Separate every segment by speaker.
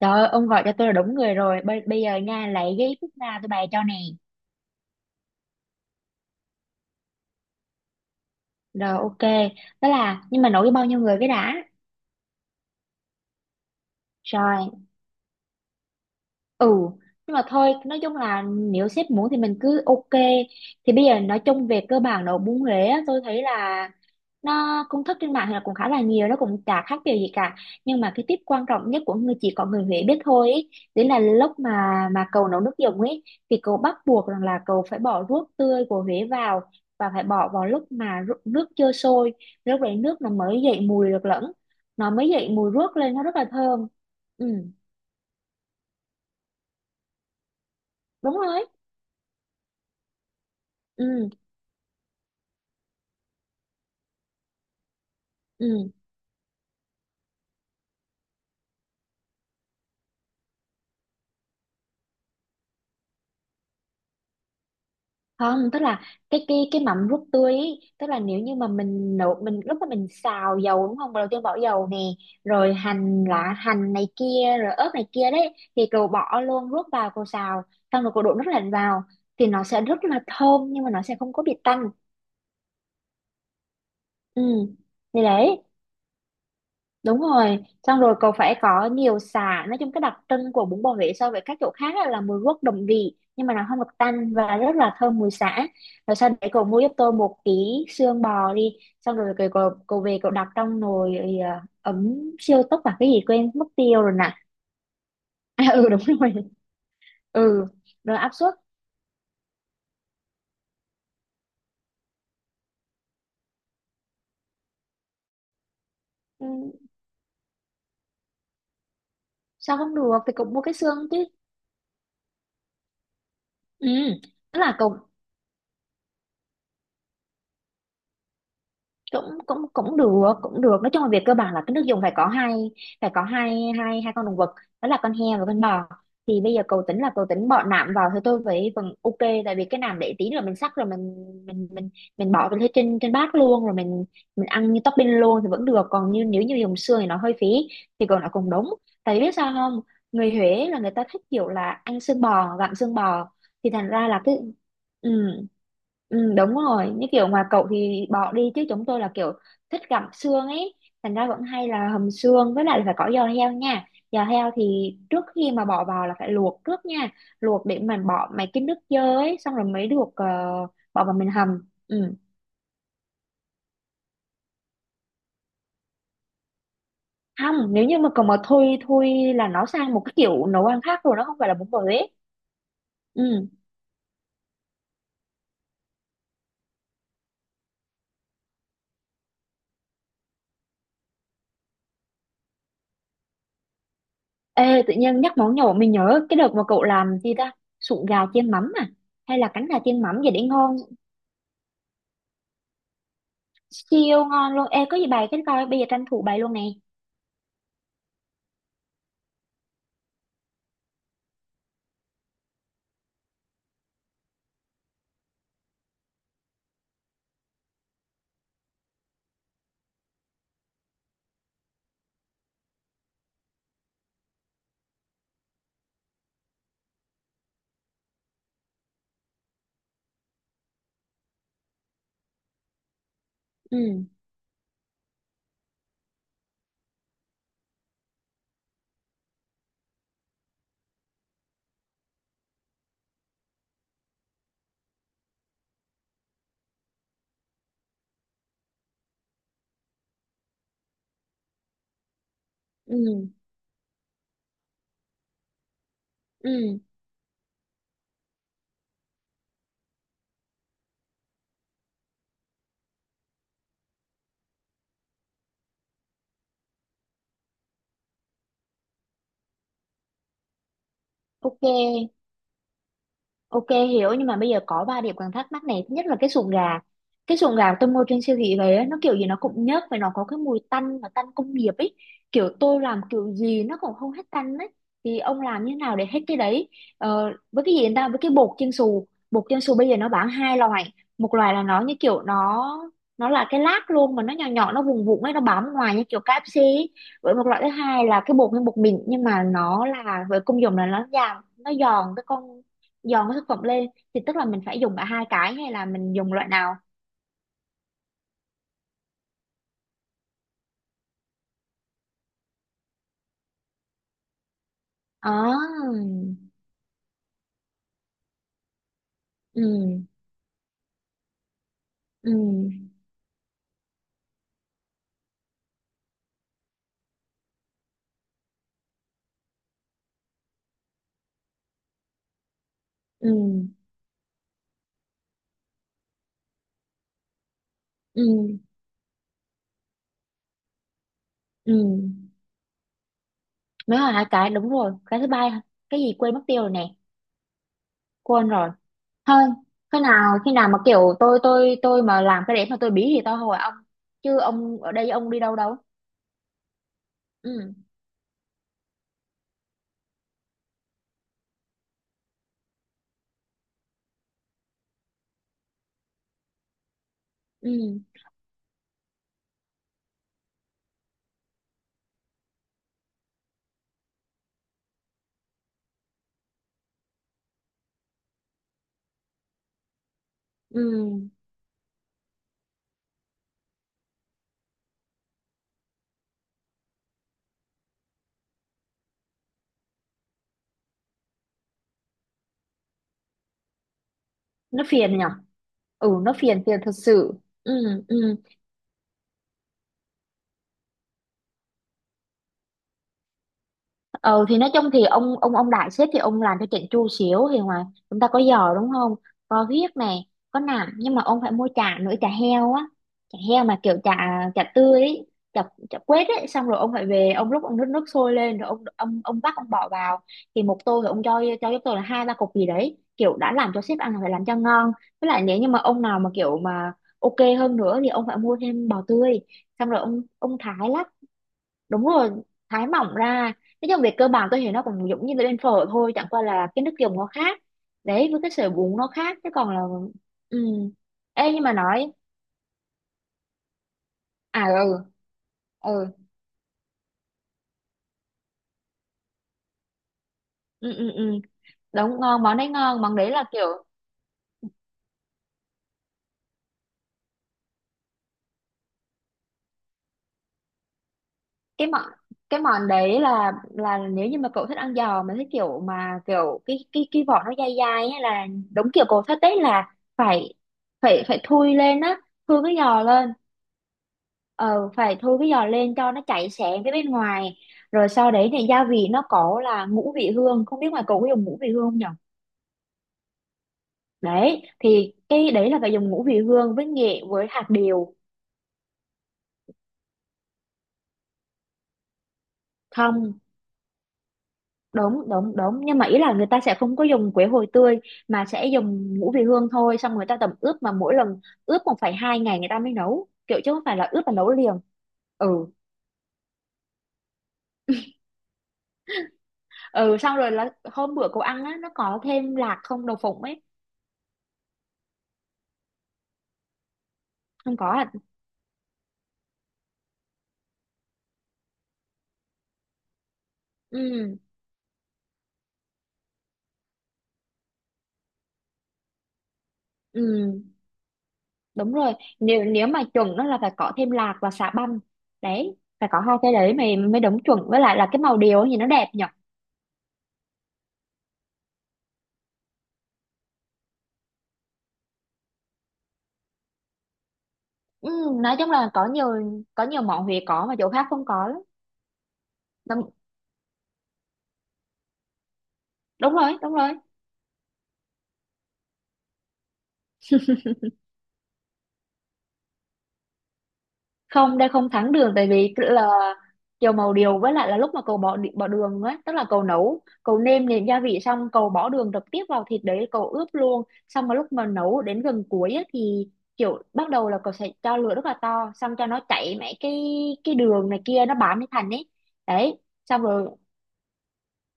Speaker 1: Trời ơi, ông gọi cho tôi là đúng người rồi. Bây giờ nha, lấy cái phút nào tôi bày cho nè. Rồi, ok. Đó là, nhưng mà nổi bao nhiêu người cái đã? Rồi, ừ, nhưng mà thôi nói chung là nếu sếp muốn thì mình cứ ok. Thì bây giờ nói chung về cơ bản nấu bún Huế á, tôi thấy là nó công thức trên mạng thì là cũng khá là nhiều, nó cũng chả khác điều gì cả, nhưng mà cái tip quan trọng nhất của người chỉ có người Huế biết thôi ý, đấy là lúc mà cậu nấu nước dùng ấy thì cậu bắt buộc rằng là cậu phải bỏ ruốc tươi của Huế vào, và phải bỏ vào lúc mà nước chưa sôi. Lúc đấy nước nó mới dậy mùi được lẫn, nó mới dậy mùi ruốc lên, nó rất là thơm. Ừ, đúng rồi. Ừ. Ừ, không, tức là cái mắm ruốc tươi ý, tức là nếu như mà mình nấu mình lúc mà mình xào dầu đúng không, đầu tiên bỏ dầu nè, rồi hành lá, hành này kia, rồi ớt này kia đấy, thì cậu bỏ luôn ruốc vào cậu xào, xong rồi cậu đổ nước lạnh vào, thì nó sẽ rất là thơm nhưng mà nó sẽ không có bị tanh. Ừ, thì đấy. Đúng rồi, xong rồi cậu phải có nhiều sả. Nói chung cái đặc trưng của bún bò Huế so với các chỗ khác á là mùi rất đậm vị nhưng mà nó không được tanh và rất là thơm mùi sả. Rồi sau đấy cậu mua giúp tôi một ký xương bò đi, xong rồi cậu về cậu đặt trong nồi, ờ, ấm siêu tốc và cái gì quên mất tiêu rồi nè. À, ừ đúng rồi, ừ, rồi áp suất. Ừ, sao không được, thì cậu mua cái xương chứ. Ừ, tức là cậu cũng cũng cũng được, cũng được. Nói chung là về cơ bản là cái nước dùng phải có hai, phải có hai hai hai con động vật, đó là con heo và con bò. Thì bây giờ cầu tính là cầu tính bỏ nạm vào thì tôi với phần ok, tại vì cái nạm để tí nữa mình sắc rồi mình mình bỏ vào trên trên bát luôn, rồi mình ăn như topping luôn thì vẫn được, còn như nếu như dùng xương thì nó hơi phí, thì còn nó cũng đúng. Tại vì biết sao không, người Huế là người ta thích kiểu là ăn xương bò, gặm xương bò, thì thành ra là cái, ừ, Ừ, đúng rồi, như kiểu ngoài cậu thì bỏ đi chứ chúng tôi là kiểu thích gặm xương ấy, thành ra vẫn hay là hầm xương, với lại là phải có giò heo nha. Giò heo thì trước khi mà bỏ vào là phải luộc trước nha, luộc để mình bỏ mấy cái nước dơ ấy, xong rồi mới được, ờ, bỏ vào mình hầm. Ừ. Không, nếu như mà còn mà thui thui là nó sang một cái kiểu nấu ăn khác rồi, nó không phải là bún bò ấy. Ừ. Ê, tự nhiên nhắc món nhậu mình nhớ cái đợt mà cậu làm gì ta, sụn gà chiên mắm à, hay là cánh gà chiên mắm gì đấy ngon, siêu ngon luôn. Ê có gì bày cái coi, bây giờ tranh thủ bày luôn nè. Ừ. Ừ. Ừ. Ok. Ok hiểu. Nhưng mà bây giờ có ba điểm còn thắc mắc này. Thứ nhất là cái sụn gà, cái sụn gà tôi mua trên siêu thị về á, nó kiểu gì nó cũng nhớt và nó có cái mùi tanh và tanh công nghiệp ấy, kiểu tôi làm kiểu gì nó cũng không hết tanh ấy, thì ông làm như thế nào để hết cái đấy. Ờ, với cái gì người ta với cái bột chiên xù, bột chiên xù bây giờ nó bán hai loại. Một loại là nó như kiểu nó là cái lát luôn mà nó nhỏ nhỏ, nó vùng vụng ấy, nó bám ngoài như kiểu KFC ấy. Với một loại thứ hai là cái bột như bột mịn, nhưng mà nó là với công dụng là nó giảm, nó giòn cái con, giòn với thực phẩm lên. Thì tức là mình phải dùng cả hai cái hay là mình dùng loại nào. À, ừ. Ừ. Ừ. Ừ. Ừ, mới là hai cái đúng rồi, cái thứ ba cái gì quên mất tiêu rồi nè, quên rồi, thôi. Khi nào, khi nào mà kiểu tôi mà làm cái để mà tôi bí thì tôi hỏi ông, chứ ông ở đây ông đi đâu đâu. Ừ. Ừ. Ừ nó phiền nhở. Ừ nó phiền phiền thật sự. Ừ. Ừ. Ừ thì nói chung thì ông đại sếp thì ông làm cho chỉnh chu xíu thì ngoài, chúng ta có giò đúng không, có huyết này, có nạm, nhưng mà ông phải mua chả nữa, chả heo á, chả heo mà kiểu chả, chả tươi ấy, chả, chả quết ấy. Xong rồi ông phải về ông lúc ông nước, nước sôi lên rồi ông vắt ông bỏ vào, thì một tô thì ông cho giúp tôi là hai ba cục gì đấy, kiểu đã làm cho sếp ăn là phải làm cho ngon. Với lại nếu như mà ông nào mà kiểu mà ok hơn nữa thì ông phải mua thêm bò tươi, xong rồi ông thái lát. Đúng rồi, thái mỏng ra. Nói chung về cơ bản tôi thấy nó cũng giống như là bên phở thôi, chẳng qua là cái nước dùng nó khác đấy, với cái sợi bún nó khác, chứ còn là. Ừ. Ê nhưng mà nói. À ừ. Ừ. Ừ. Ừ, ừ. Đúng ngon, món đấy ngon, món đấy là kiểu, cái món, cái món đấy là nếu như mà cậu thích ăn giò mà thích kiểu mà kiểu cái vỏ nó dai dai ấy là đúng kiểu cậu thích đấy, là phải phải phải thui lên á, thui cái giò lên. Ờ phải thôi cái giò lên cho nó chảy xém với bên ngoài. Rồi sau đấy thì gia vị nó có là ngũ vị hương, không biết ngoài cậu có dùng ngũ vị hương không nhở. Đấy thì cái đấy là phải dùng ngũ vị hương với nghệ với hạt điều. Không, đúng đúng đúng, nhưng mà ý là người ta sẽ không có dùng quế hồi tươi, mà sẽ dùng ngũ vị hương thôi, xong người ta tẩm ướp mà mỗi lần ướp một phải hai ngày người ta mới nấu kiểu, chứ không phải là ướp và nấu liền. Ừ. Ừ, xong rồi là hôm bữa cậu ăn á nó có thêm lạc không, đậu phụng ấy. Không có à. Ừ. Ừ đúng rồi, nếu, nếu mà chuẩn nó là phải có thêm lạc và xà băm. Đấy phải có hai cái đấy mày mới đúng chuẩn, với lại là cái màu điều thì nó đẹp nhở. Ừ, nói chung là có nhiều, có nhiều món Huế có mà chỗ khác không có lắm. Đúng, đúng rồi đúng rồi. Không đây không thắng đường, tại vì tức là dầu màu điều với lại là lúc mà cậu bỏ đường ấy, tức là cậu nấu cậu nêm nếm gia vị xong cậu bỏ đường trực tiếp vào thịt đấy cậu ướp luôn, xong mà lúc mà nấu đến gần cuối ấy, thì kiểu bắt đầu là cậu sẽ cho lửa rất là to, xong cho nó chảy mấy cái đường này kia nó bám lên thành ấy. Đấy, xong rồi.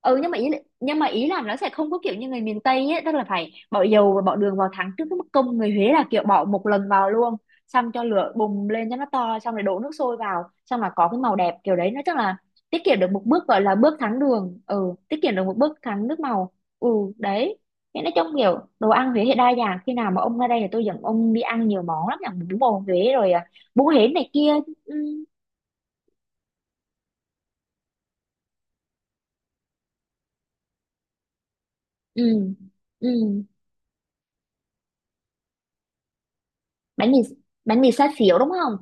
Speaker 1: Ừ nhưng mà ý, nhưng mà ý là nó sẽ không có kiểu như người miền Tây ấy, tức là phải bỏ dầu và bỏ đường vào thắng trước, cái bức công người Huế là kiểu bỏ một lần vào luôn, xong cho lửa bùng lên cho nó to, xong rồi đổ nước sôi vào, xong là có cái màu đẹp kiểu đấy, nó chắc là tiết kiệm được một bước gọi là bước thắng đường. Ừ tiết kiệm được một bước thắng nước màu. Ừ đấy. Thế nói chung kiểu đồ ăn Huế thì đa dạng, khi nào mà ông ra đây thì tôi dẫn ông đi ăn nhiều món lắm nhỉ, bún bò Huế rồi à, bún Huế này kia. Ừ. Ừ. Ừ, bánh mì, bánh mì xá xíu đúng không.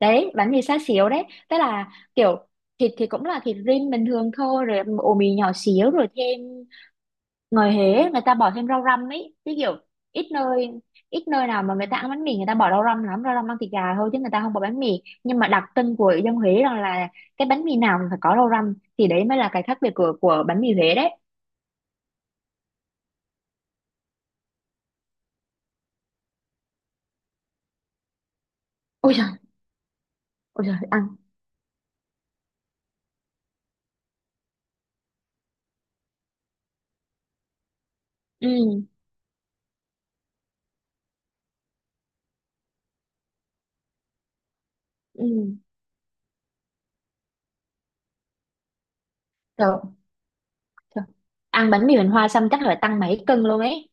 Speaker 1: Đấy bánh mì xá xíu đấy, tức là kiểu thịt thì cũng là thịt rim bình thường thôi rồi ổ mì nhỏ xíu rồi thêm, ngồi hế, người ta bỏ thêm rau răm ấy chứ kiểu, ít nơi, ít nơi nào mà người ta ăn bánh mì người ta bỏ rau răm lắm, rau răm ăn thịt gà thôi chứ người ta không bỏ bánh mì, nhưng mà đặc trưng của dân Huế đó là cái bánh mì nào cũng phải có rau răm, thì đấy mới là cái khác biệt của bánh mì Huế đấy. Ôi trời. Ôi trời ăn. Ừ. Ừ trời, trời. Ăn bánh mì Huỳnh Hoa xong chắc là tăng mấy cân luôn ấy.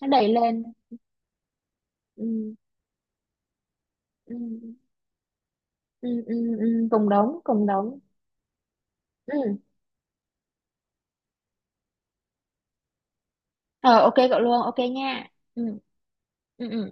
Speaker 1: Nó đầy lên. Ừ. Ừ. Ừ. Ừ cùng đóng, cùng đóng. Ừ. Ờ ok cậu luôn, ok nha. Ừ. Ừ ừ